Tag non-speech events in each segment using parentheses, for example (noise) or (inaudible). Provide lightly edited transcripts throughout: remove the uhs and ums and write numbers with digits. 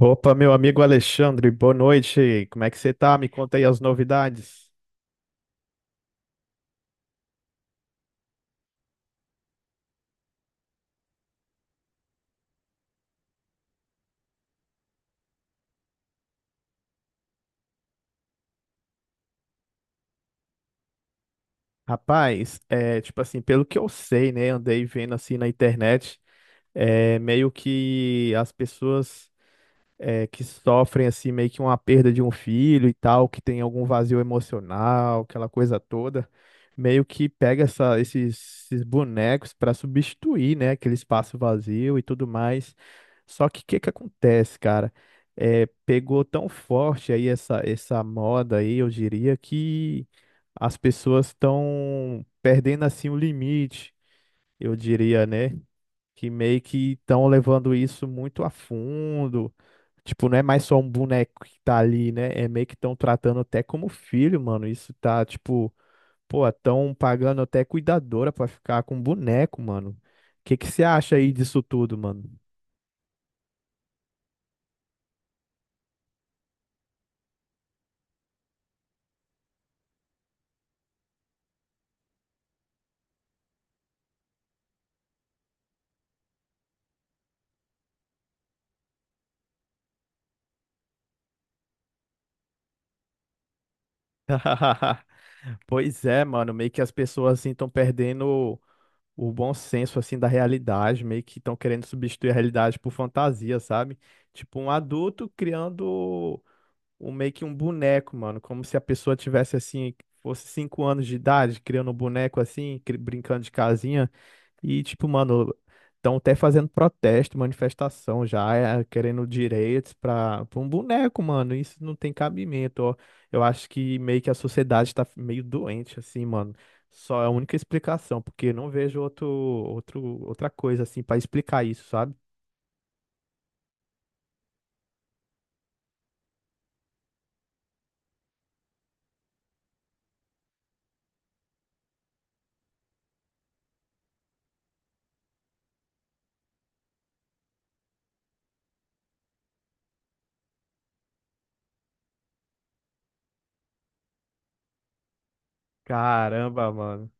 Opa, meu amigo Alexandre, boa noite. Como é que você tá? Me conta aí as novidades. Rapaz, é tipo assim, pelo que eu sei, né? Andei vendo assim na internet, é meio que as pessoas que sofrem assim meio que uma perda de um filho e tal, que tem algum vazio emocional, aquela coisa toda, meio que pega esses bonecos para substituir, né, aquele espaço vazio e tudo mais. Só que o que que acontece, cara? É, pegou tão forte aí essa moda aí, eu diria que as pessoas estão perdendo assim o limite, eu diria, né? Que meio que estão levando isso muito a fundo, tipo, não é mais só um boneco que tá ali, né? É meio que estão tratando até como filho, mano. Isso tá, tipo, pô, estão pagando até cuidadora pra ficar com boneco, mano. O que que você acha aí disso tudo, mano? (laughs) Pois é, mano, meio que as pessoas assim estão perdendo o bom senso assim da realidade, meio que estão querendo substituir a realidade por fantasia, sabe? Tipo um adulto criando um meio que um boneco, mano, como se a pessoa tivesse assim, fosse 5 anos de idade, criando um boneco assim, brincando de casinha e tipo, mano, estão até fazendo protesto, manifestação já, querendo direitos para um boneco, mano. Isso não tem cabimento, ó. Eu acho que meio que a sociedade tá meio doente assim, mano. Só é a única explicação, porque não vejo outra coisa assim para explicar isso, sabe? Caramba, mano.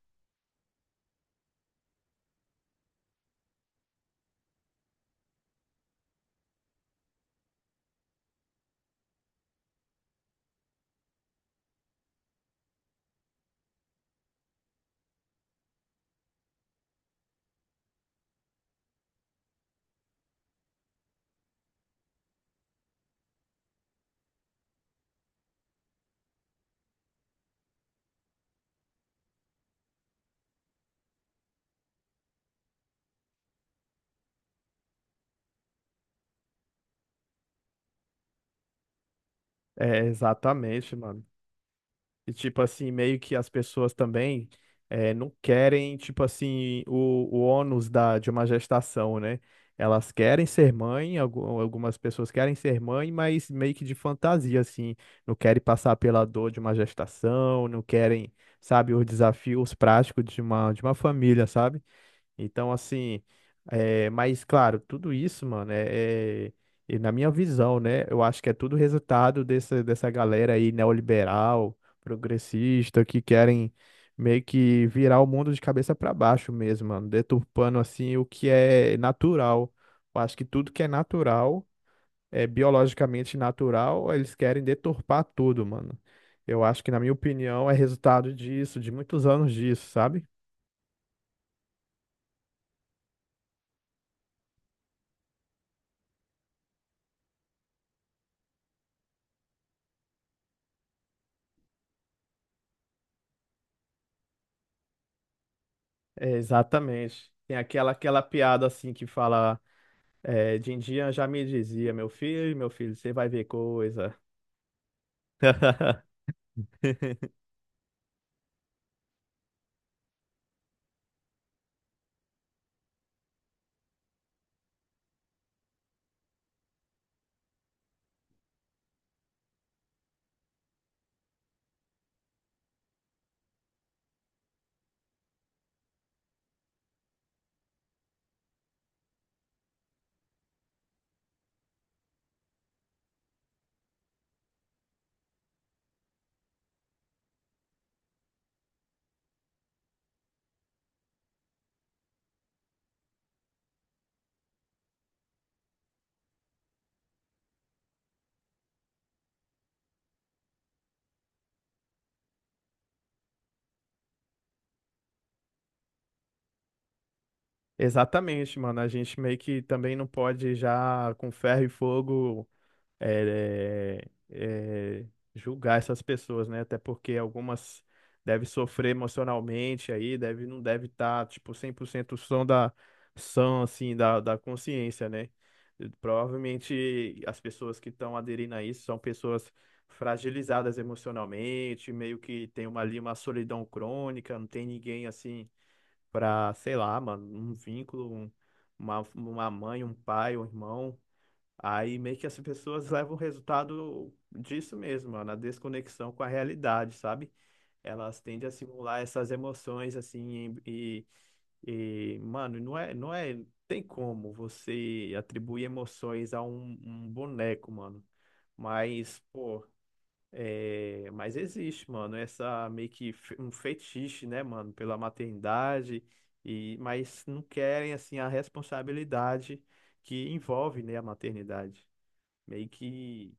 É, exatamente, mano. E, tipo assim, meio que as pessoas também não querem, tipo assim, o ônus de uma gestação, né? Elas querem ser mãe, algumas pessoas querem ser mãe, mas meio que de fantasia, assim. Não querem passar pela dor de uma gestação, não querem, sabe, os desafios práticos de de uma família, sabe? Então, assim, é, mas claro, tudo isso, mano, e na minha visão, né? Eu acho que é tudo resultado dessa galera aí neoliberal, progressista, que querem meio que virar o mundo de cabeça para baixo mesmo, mano, deturpando assim o que é natural. Eu acho que tudo que é natural, é biologicamente natural, eles querem deturpar tudo, mano. Eu acho que, na minha opinião, é resultado disso, de muitos anos disso, sabe? É, exatamente. Tem aquela, aquela piada assim que fala, é, Dindinha já me dizia, meu filho, você vai ver coisa. (laughs) Exatamente, mano. A gente meio que também não pode já com ferro e fogo é, é, é, julgar essas pessoas, né? Até porque algumas devem sofrer emocionalmente aí, não deve estar, tipo, 100% são, assim, da consciência, né? Provavelmente as pessoas que estão aderindo a isso são pessoas fragilizadas emocionalmente, meio que tem uma, ali uma solidão crônica, não tem ninguém, assim, para sei lá, mano, um vínculo, uma mãe, um pai, um irmão. Aí meio que as pessoas levam o resultado disso mesmo, ó, na desconexão com a realidade, sabe? Elas tendem a simular essas emoções assim e mano, não é, tem como você atribuir emoções a um boneco, mano. Mas, pô, é, mas existe, mano, essa meio que um fetiche, né, mano, pela maternidade e mas não querem assim a responsabilidade que envolve, né, a maternidade. Meio que.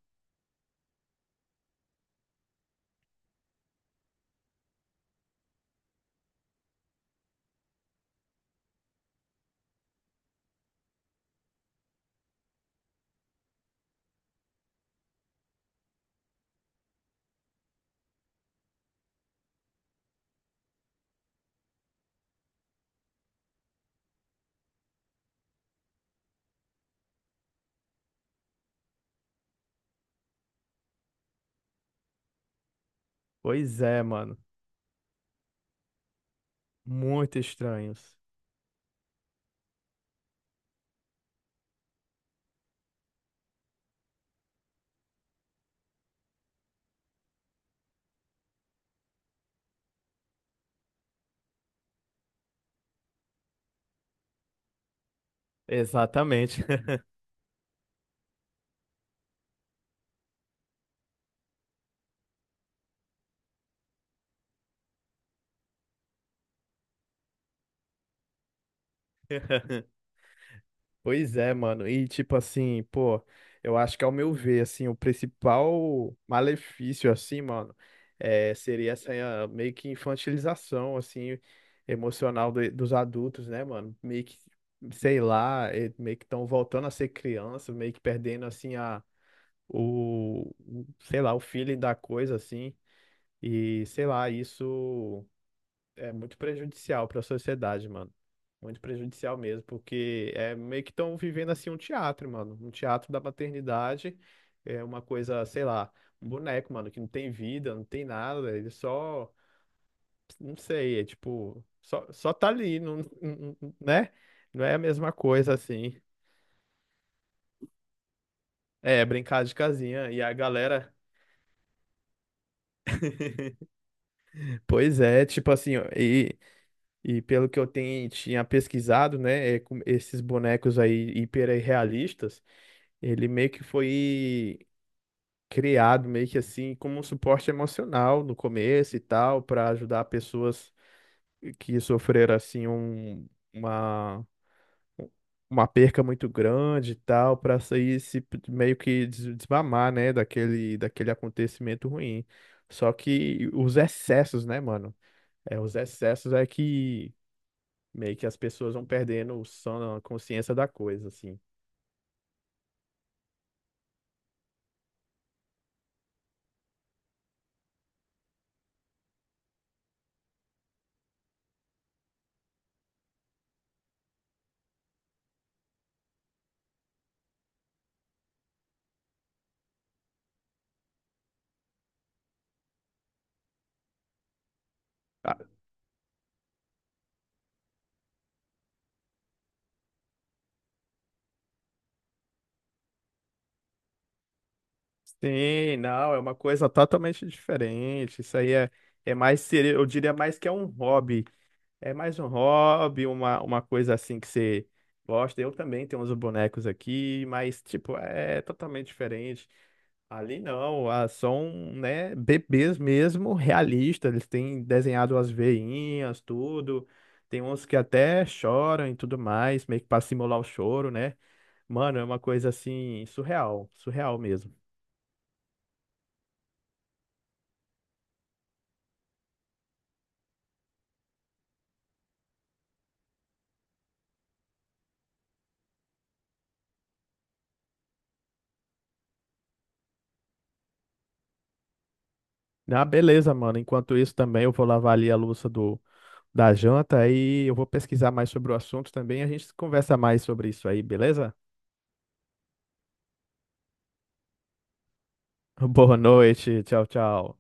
Pois é, mano. Muito estranhos. Exatamente. (laughs) Pois é, mano. E tipo assim, pô, eu acho que ao meu ver, assim, o principal malefício, assim, mano, é, seria essa eh, meio que infantilização, assim, emocional dos adultos, né, mano? Meio que, sei lá, eh, meio que estão voltando a ser criança, meio que perdendo, assim, sei lá, o feeling da coisa, assim. E, sei lá, isso. É muito prejudicial para a sociedade, mano. Muito prejudicial mesmo, porque é meio que estão vivendo assim um teatro, mano. Um teatro da maternidade, é uma coisa, sei lá, um boneco, mano, que não tem vida, não tem nada, ele só, não sei, é tipo, só, só tá ali, né? Não é a mesma coisa assim. É, brincar de casinha e a galera, pois é, tipo assim, ó, e pelo que eu tenho, tinha pesquisado, né, é, com esses bonecos aí hiperrealistas. Ele meio que foi criado meio que assim como um suporte emocional no começo e tal, para ajudar pessoas que sofreram assim uma uma perca muito grande e tal, para sair se meio que desmamar, né, daquele acontecimento ruim. Só que os excessos, né, mano? É, os excessos é que meio que as pessoas vão perdendo a consciência da coisa, assim. Sim, não, é uma coisa totalmente diferente. Isso aí é, é mais, eu diria mais que é um hobby. É mais um hobby, uma coisa assim que você gosta. Eu também tenho uns bonecos aqui, mas, tipo, é totalmente diferente. Ali não, ah, são, né, bebês mesmo, realistas. Eles têm desenhado as veinhas, tudo. Tem uns que até choram e tudo mais, meio que pra simular o choro, né? Mano, é uma coisa assim, surreal, surreal mesmo. Ah, beleza, mano. Enquanto isso também eu vou lavar ali a louça do, da janta e eu vou pesquisar mais sobre o assunto também. A gente conversa mais sobre isso aí, beleza? (laughs) Boa noite. Tchau, tchau.